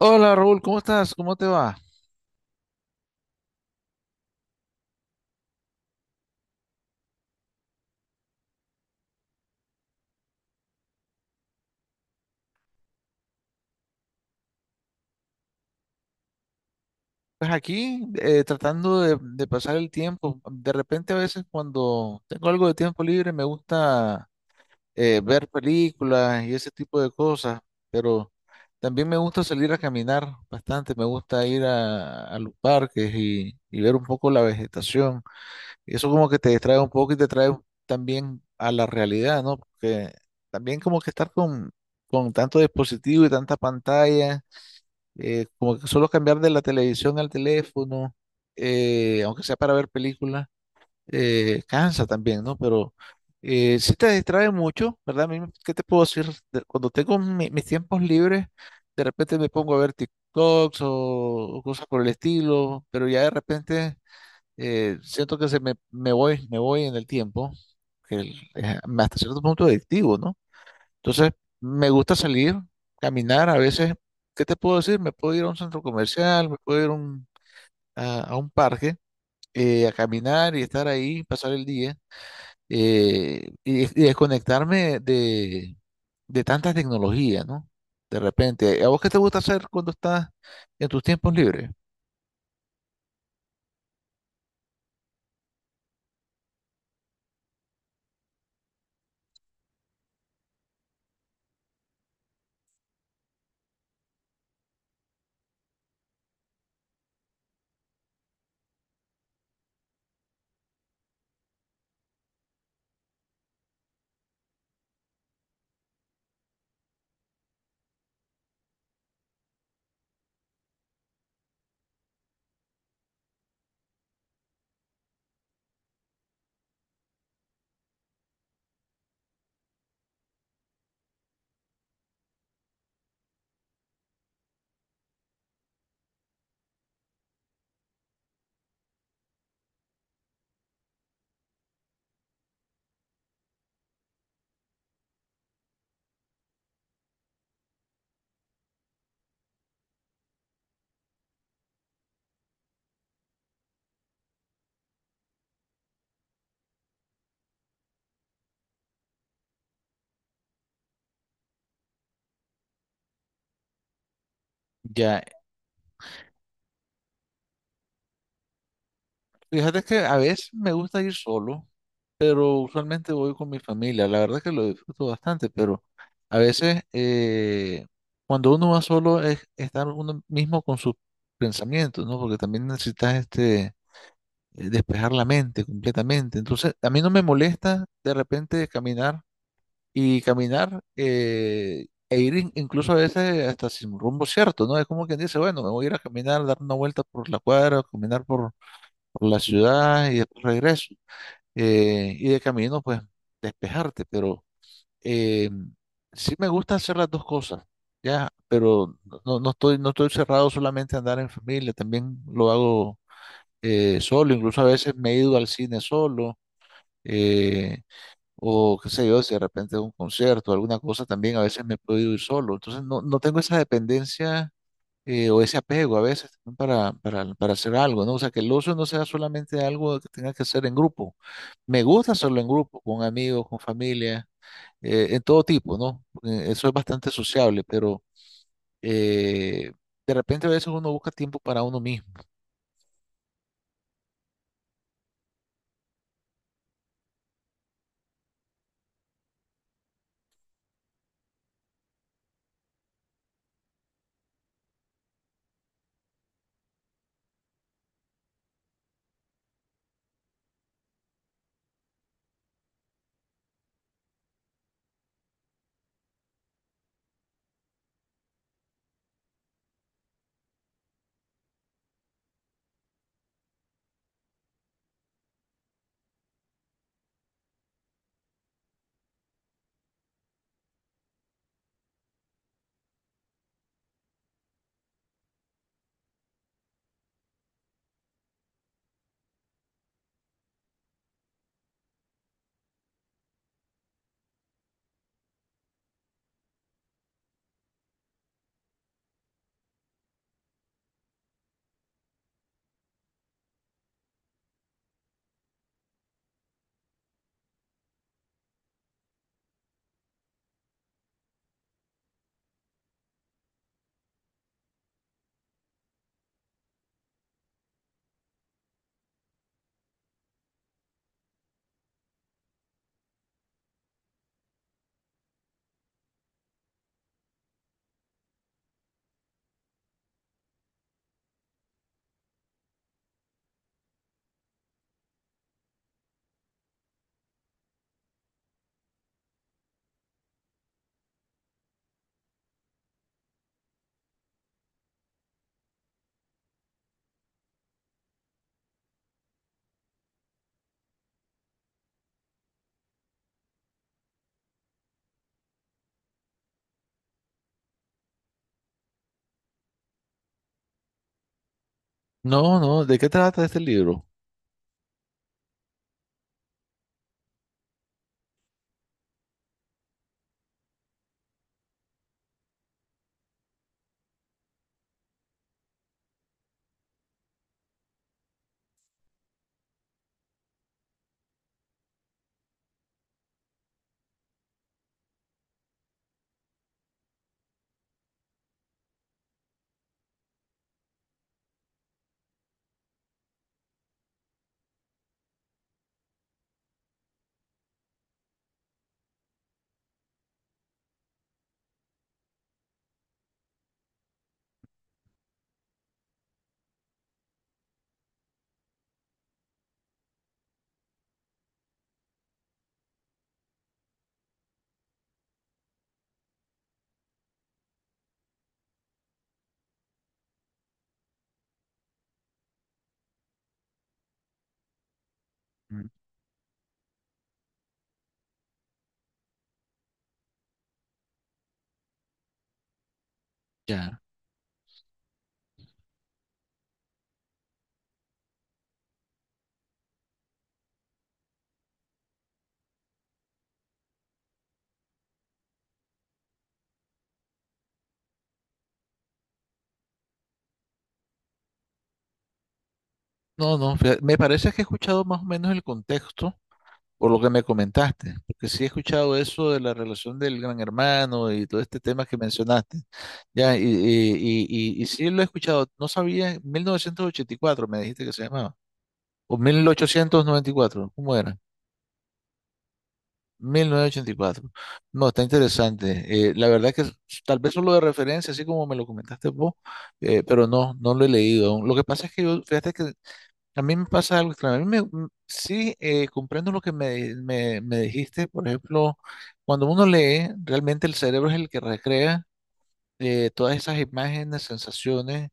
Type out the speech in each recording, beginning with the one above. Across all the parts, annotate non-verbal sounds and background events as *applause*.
Hola Raúl, ¿cómo estás? ¿Cómo te va? Pues aquí tratando de pasar el tiempo. De repente a veces cuando tengo algo de tiempo libre me gusta ver películas y ese tipo de cosas, pero también me gusta salir a caminar bastante, me gusta ir a los parques y ver un poco la vegetación. Y eso como que te distrae un poco y te trae también a la realidad, ¿no? Porque también como que estar con tanto dispositivo y tanta pantalla como que solo cambiar de la televisión al teléfono, aunque sea para ver películas, cansa también, ¿no? Pero sí te distrae mucho, ¿verdad? A mí, ¿qué te puedo decir? Cuando tengo mis tiempos libres, de repente me pongo a ver TikToks o cosas por el estilo, pero ya de repente siento que se me voy en el tiempo, que es hasta cierto punto adictivo, ¿no? Entonces, me gusta salir, caminar. A veces, ¿qué te puedo decir? Me puedo ir a un centro comercial, me puedo ir a a un parque, a caminar y estar ahí, pasar el día, y desconectarme de tanta tecnología, ¿no? De repente, ¿a vos qué te gusta hacer cuando estás en tus tiempos libres? Ya, fíjate que a veces me gusta ir solo, pero usualmente voy con mi familia. La verdad que lo disfruto bastante, pero a veces cuando uno va solo es estar uno mismo con sus pensamientos, ¿no? Porque también necesitas este, despejar la mente completamente. Entonces, a mí no me molesta de repente caminar y caminar e ir incluso a veces hasta sin rumbo cierto, ¿no? Es como quien dice, bueno, me voy a ir a caminar, dar una vuelta por la cuadra, caminar por la ciudad y después regreso y de camino, pues, despejarte, pero eh, sí me gusta hacer las dos cosas, ya, pero no, no estoy cerrado solamente a andar en familia, también lo hago solo, incluso a veces me he ido al cine solo, eh, o qué sé yo, si de repente un concierto, alguna cosa, también a veces me he podido ir solo, entonces no, no tengo esa dependencia o ese apego a veces también para hacer algo, ¿no? O sea, que el ocio no sea solamente algo que tenga que hacer en grupo. Me gusta hacerlo en grupo, con amigos, con familia, en todo tipo, ¿no? Porque eso es bastante sociable, pero eh, de repente a veces uno busca tiempo para uno mismo. No, no, ¿de qué trata este libro? Mm. Ya. No, no, fíjate, me parece que he escuchado más o menos el contexto, por lo que me comentaste, porque sí he escuchado eso de la relación del gran hermano y todo este tema que mencionaste, ya, y sí lo he escuchado, no sabía, 1984 me dijiste que se llamaba, o 1894, ¿cómo era? 1984. No, está interesante. La verdad que tal vez solo de referencia, así como me lo comentaste vos, pero no, no lo he leído aún. Lo que pasa es que yo, fíjate que a mí me pasa algo extraño. A mí sí, comprendo lo que me dijiste. Por ejemplo, cuando uno lee, realmente el cerebro es el que recrea todas esas imágenes, sensaciones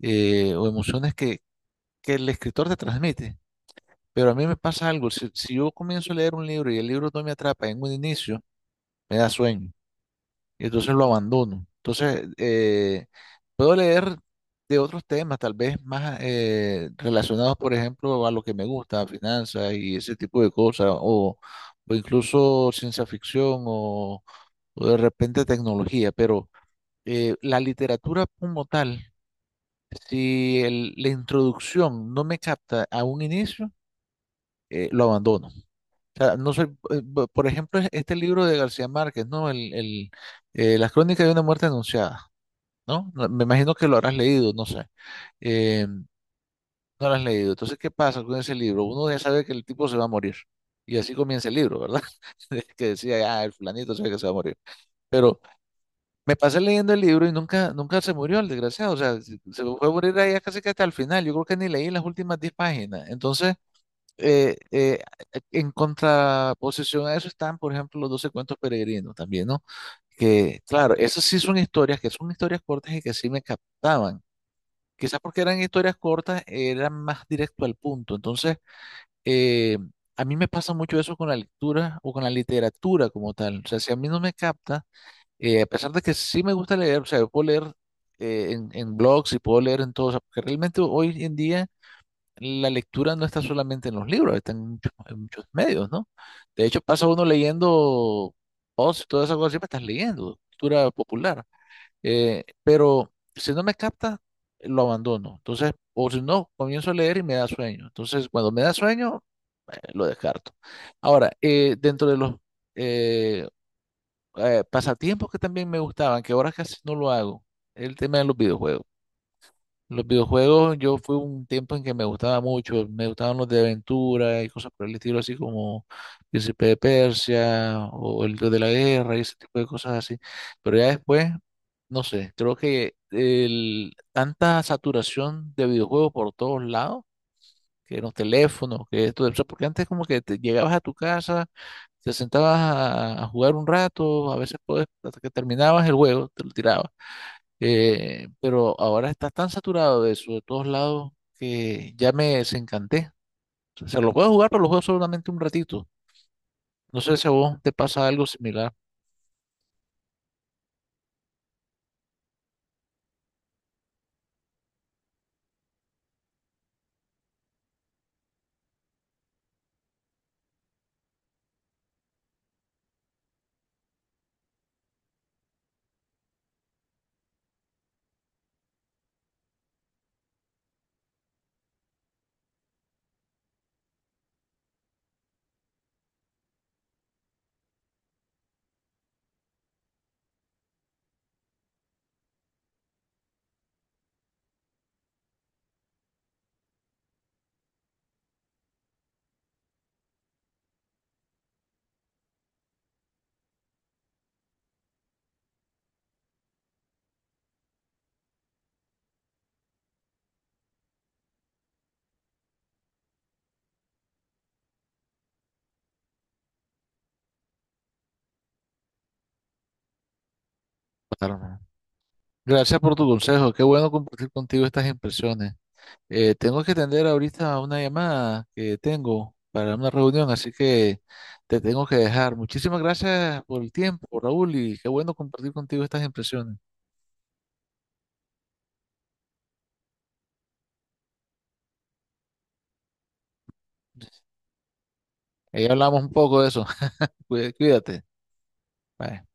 o emociones que el escritor te transmite. Pero a mí me pasa algo. Si yo comienzo a leer un libro y el libro no me atrapa en un inicio, me da sueño y entonces lo abandono. Entonces, puedo leer de otros temas, tal vez más relacionados, por ejemplo, a lo que me gusta, finanzas y ese tipo de cosas, o incluso ciencia ficción o de repente tecnología, pero la literatura como tal, si la introducción no me capta a un inicio, lo abandono. O sea, no soy, por ejemplo, este libro de García Márquez, ¿no? Las crónicas de una muerte anunciada, ¿no? No, me imagino que lo habrás leído, no sé. No lo has leído. Entonces, ¿qué pasa con ese libro? Uno ya sabe que el tipo se va a morir. Y así comienza el libro, ¿verdad? *laughs* De Que decía, ah, el fulanito sabe que se va a morir. Pero me pasé leyendo el libro y nunca, nunca se murió el desgraciado. O sea, se fue a morir ahí casi que hasta el final. Yo creo que ni leí las últimas 10 páginas. Entonces, eh, eh, en contraposición a eso están, por ejemplo, los 12 cuentos peregrinos también, ¿no? Que, claro, esas sí son historias, que son historias cortas y que sí me captaban. Quizás porque eran historias cortas, eran más directo al punto. Entonces, eh, a mí me pasa mucho eso con la lectura o con la literatura como tal. O sea, si a mí no me capta, a pesar de que sí me gusta leer, o sea, yo puedo leer en blogs y puedo leer en todo, o sea, porque realmente hoy en día la lectura no está solamente en los libros, está en muchos medios, ¿no? De hecho, pasa uno leyendo posts y todas esas cosas, siempre estás leyendo, cultura popular. Pero si no me capta, lo abandono. Entonces, o si no, comienzo a leer y me da sueño. Entonces, cuando me da sueño, lo descarto. Ahora, dentro de los eh, pasatiempos que también me gustaban, que ahora casi no lo hago, el tema de los videojuegos. Los videojuegos, yo fui un tiempo en que me gustaba mucho, me gustaban los de aventura y cosas por el estilo, así como Príncipe de Persia o el Dios de la Guerra y ese tipo de cosas así. Pero ya después, no sé, creo que el, tanta saturación de videojuegos por todos lados, que los teléfonos, que esto, o sea, porque antes como que te llegabas a tu casa, te sentabas a jugar un rato, a veces podés, hasta que terminabas el juego, te lo tirabas pero ahora está tan saturado de eso de todos lados que ya me desencanté. O sea, lo puedo jugar, pero lo juego solamente un ratito. No sé si a vos te pasa algo similar. Carmen. Gracias por tu consejo. Qué bueno compartir contigo estas impresiones. Tengo que atender ahorita una llamada que tengo para una reunión, así que te tengo que dejar. Muchísimas gracias por el tiempo, Raúl, y qué bueno compartir contigo estas impresiones. Ahí hablamos un poco de eso. *laughs* Cuídate. Bye.